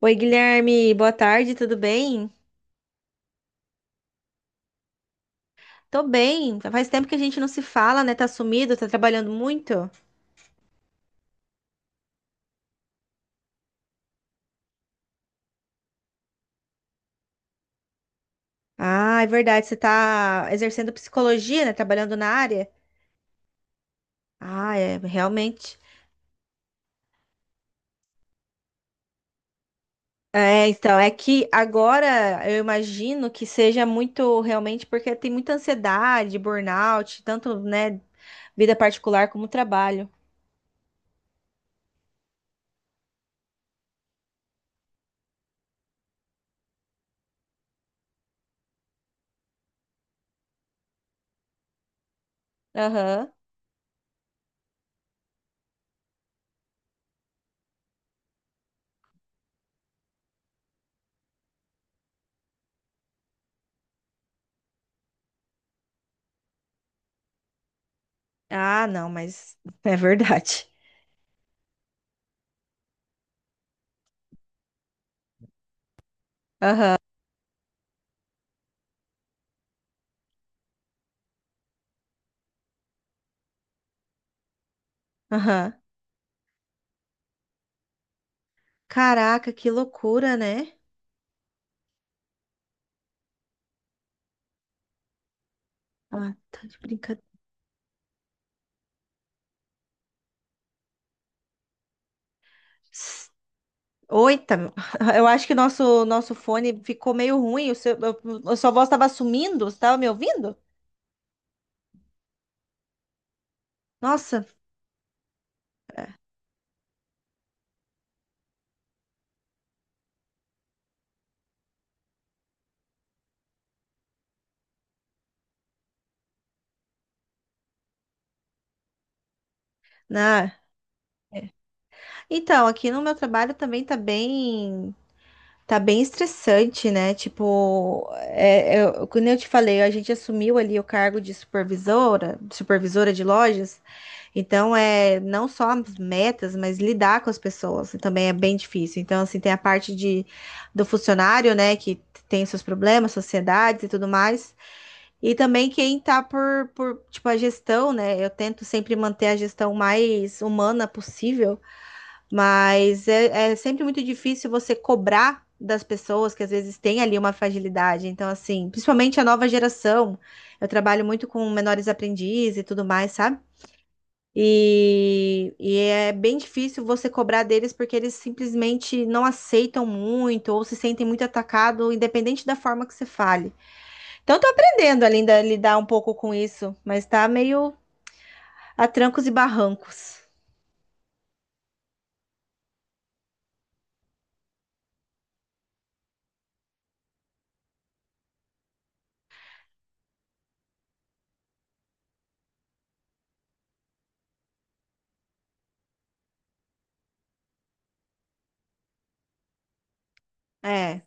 Oi, Guilherme, boa tarde, tudo bem? Tô bem. Faz tempo que a gente não se fala, né? Tá sumido, tá trabalhando muito? Ah, é verdade, você tá exercendo psicologia, né? Trabalhando na área? Ah, é, realmente. É, então, é que agora eu imagino que seja muito realmente porque tem muita ansiedade, burnout, tanto, né, vida particular como trabalho. Aham. Ah, não, mas é verdade. Aham, aham. Caraca, que loucura, né? Ah, tá de brincadeira. Oita, eu acho que nosso fone ficou meio ruim. O seu, a sua voz estava sumindo. Você estava me ouvindo? Nossa, né? É. Então, aqui no meu trabalho também tá bem. Tá bem estressante, né? Tipo, eu, como eu te falei, a gente assumiu ali o cargo de supervisora, supervisora de lojas. Então, é não só as metas, mas lidar com as pessoas também é bem difícil. Então, assim, tem a parte de, do funcionário, né, que tem seus problemas, sociedades e tudo mais. E também quem tá tipo, a gestão, né? Eu tento sempre manter a gestão mais humana possível. Mas é sempre muito difícil você cobrar das pessoas que às vezes têm ali uma fragilidade. Então, assim, principalmente a nova geração, eu trabalho muito com menores aprendizes e tudo mais, sabe? E é bem difícil você cobrar deles porque eles simplesmente não aceitam muito ou se sentem muito atacado, independente da forma que você fale. Então, eu tô aprendendo ainda a lidar um pouco com isso, mas tá meio a trancos e barrancos. É,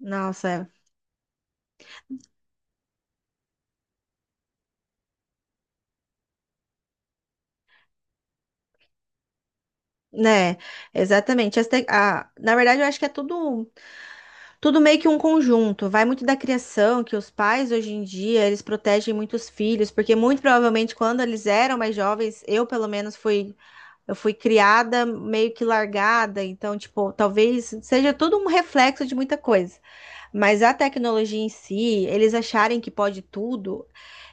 nossa, é. Né, exatamente. Na verdade, eu acho que é tudo meio que um conjunto. Vai muito da criação, que os pais hoje em dia eles protegem muitos filhos, porque muito provavelmente quando eles eram mais jovens, eu pelo menos fui, eu fui criada meio que largada. Então, tipo, talvez seja tudo um reflexo de muita coisa. Mas a tecnologia em si, eles acharem que pode tudo,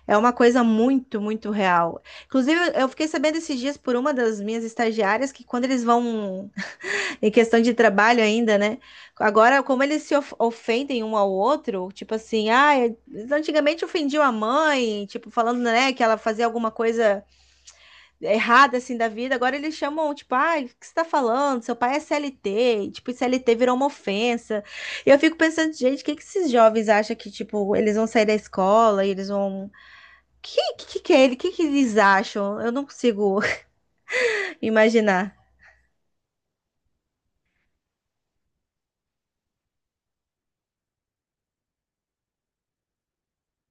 é uma coisa muito, muito real. Inclusive, eu fiquei sabendo esses dias por uma das minhas estagiárias que quando eles vão em questão de trabalho ainda, né? Agora, como eles se of- ofendem um ao outro, tipo assim, ah, eles antigamente ofendiam a mãe, tipo, falando, né, que ela fazia alguma coisa errada, assim, da vida, agora eles chamam, tipo, ah, o que você tá falando? Seu pai é CLT, e, tipo, CLT virou uma ofensa. E eu fico pensando, gente, o que que esses jovens acham que, tipo, eles vão sair da escola e eles vão... que é ele? O que que eles acham? Eu não consigo imaginar.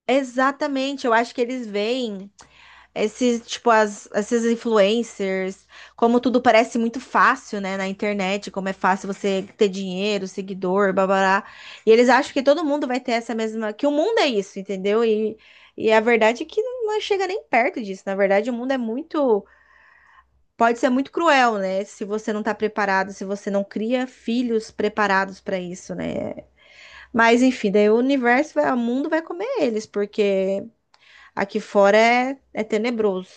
Exatamente, eu acho que eles veem esses, tipo, esses influencers, como tudo parece muito fácil, né, na internet, como é fácil você ter dinheiro, seguidor, babará. E eles acham que todo mundo vai ter essa mesma, que o mundo é isso, entendeu? E a verdade é que não chega nem perto disso. Na verdade, o mundo é muito, pode ser muito cruel, né, se você não tá preparado, se você não cria filhos preparados pra isso, né? Mas enfim, daí o o mundo vai comer eles, porque aqui fora é tenebroso.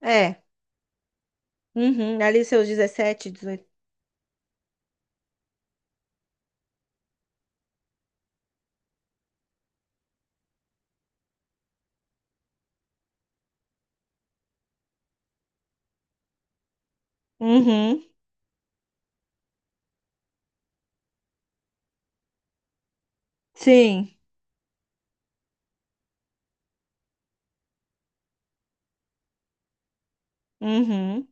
É. Uhum, ali seus 17, 18. Uhum, sim. Uhum.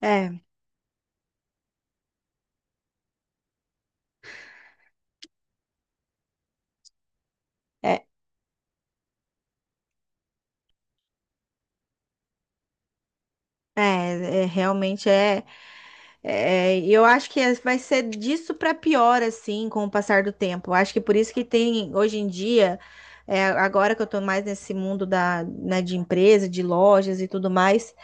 É, é, é, realmente é. Eu acho que é, vai ser disso para pior, assim, com o passar do tempo. Eu acho que por isso que tem, hoje em dia, agora que eu tô mais nesse mundo da, né, de empresa, de lojas e tudo mais,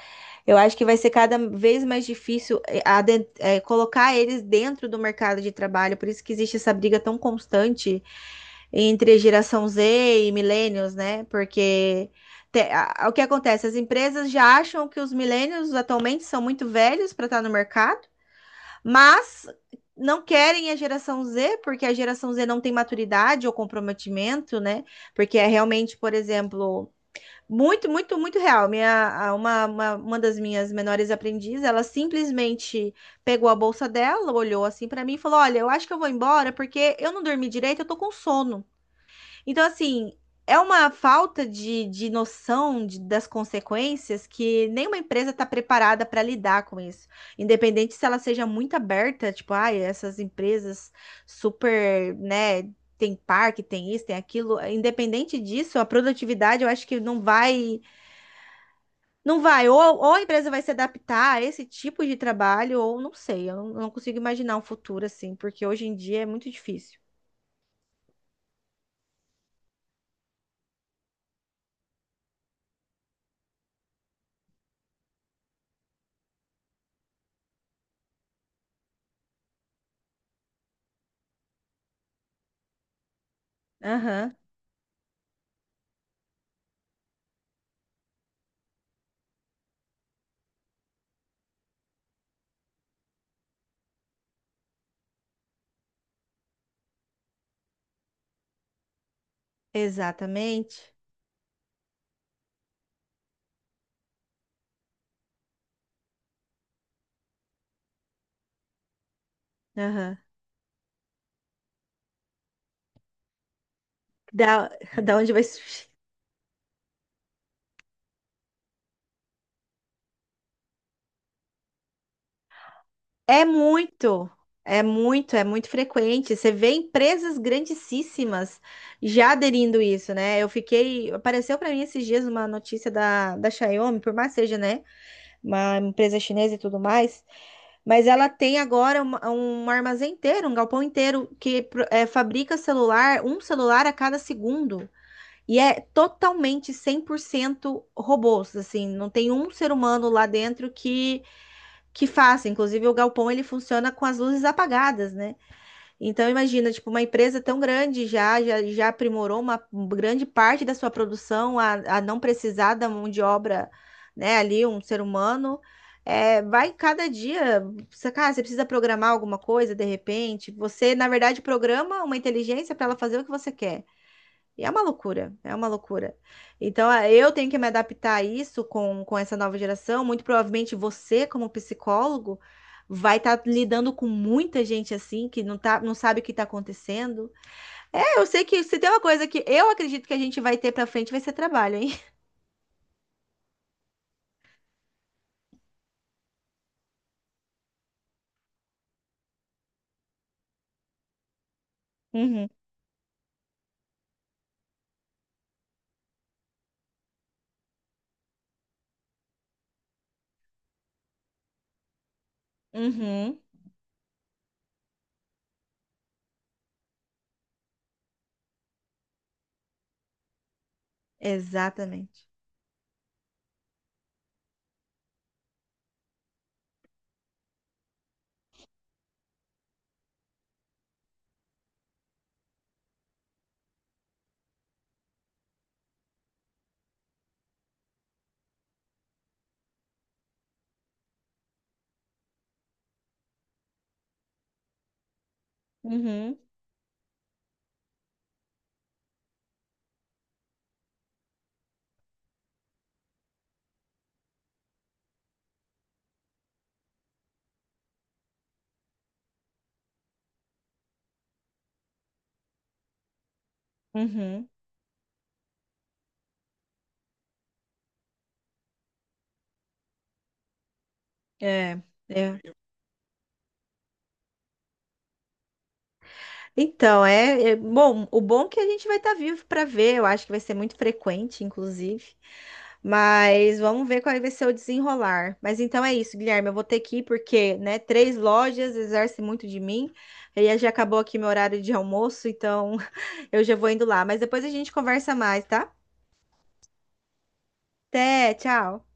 eu acho que vai ser cada vez mais difícil colocar eles dentro do mercado de trabalho. Por isso que existe essa briga tão constante entre geração Z e millennials, né? Porque o que acontece? As empresas já acham que os millennials atualmente são muito velhos para estar no mercado, mas não querem a geração Z, porque a geração Z não tem maturidade ou comprometimento, né? Porque é realmente, por exemplo, muito, muito, muito real. Uma, uma das minhas menores aprendizes, ela simplesmente pegou a bolsa dela, olhou assim para mim e falou: Olha, eu acho que eu vou embora porque eu não dormi direito, eu tô com sono. Então, assim, é uma falta de das consequências que nenhuma empresa está preparada para lidar com isso. Independente se ela seja muito aberta, tipo, ai, essas empresas super, né, tem parque, tem isso, tem aquilo. Independente disso, a produtividade eu acho que não vai. Ou a empresa vai se adaptar a esse tipo de trabalho, ou não sei, eu não, não consigo imaginar um futuro assim, porque hoje em dia é muito difícil. Aham, exatamente. Aham. Da, da onde vai surgir? É muito, é muito frequente. Você vê empresas grandíssimas já aderindo isso, né? Eu fiquei, apareceu para mim esses dias uma notícia da Xiaomi, por mais seja, né, uma empresa chinesa e tudo mais, mas ela tem agora um armazém inteiro, um galpão inteiro que fabrica celular, um celular a cada segundo. E é totalmente 100% robôs, assim, não tem um ser humano lá dentro que faça. Inclusive, o galpão ele funciona com as luzes apagadas, né? Então, imagina, tipo, uma empresa tão grande já aprimorou uma grande parte da sua produção a não precisar da mão de obra, né? Ali, um ser humano. É, vai cada dia, você, cara, você precisa programar alguma coisa de repente. Você, na verdade, programa uma inteligência para ela fazer o que você quer. E é uma loucura, é uma loucura. Então, eu tenho que me adaptar a isso com essa nova geração. Muito provavelmente você, como psicólogo, vai estar lidando com muita gente assim que não sabe o que está acontecendo. É, eu sei que se tem uma coisa que eu acredito que a gente vai ter para frente vai ser trabalho, hein? Uhum, uhum, exatamente. Uhum, uhum. É, é. Então, bom. O bom é que a gente vai estar vivo para ver. Eu acho que vai ser muito frequente, inclusive. Mas vamos ver qual vai ser o desenrolar. Mas então é isso, Guilherme. Eu vou ter que ir porque, né, três lojas exercem muito de mim. E aí já acabou aqui meu horário de almoço, então eu já vou indo lá. Mas depois a gente conversa mais, tá? Até, tchau.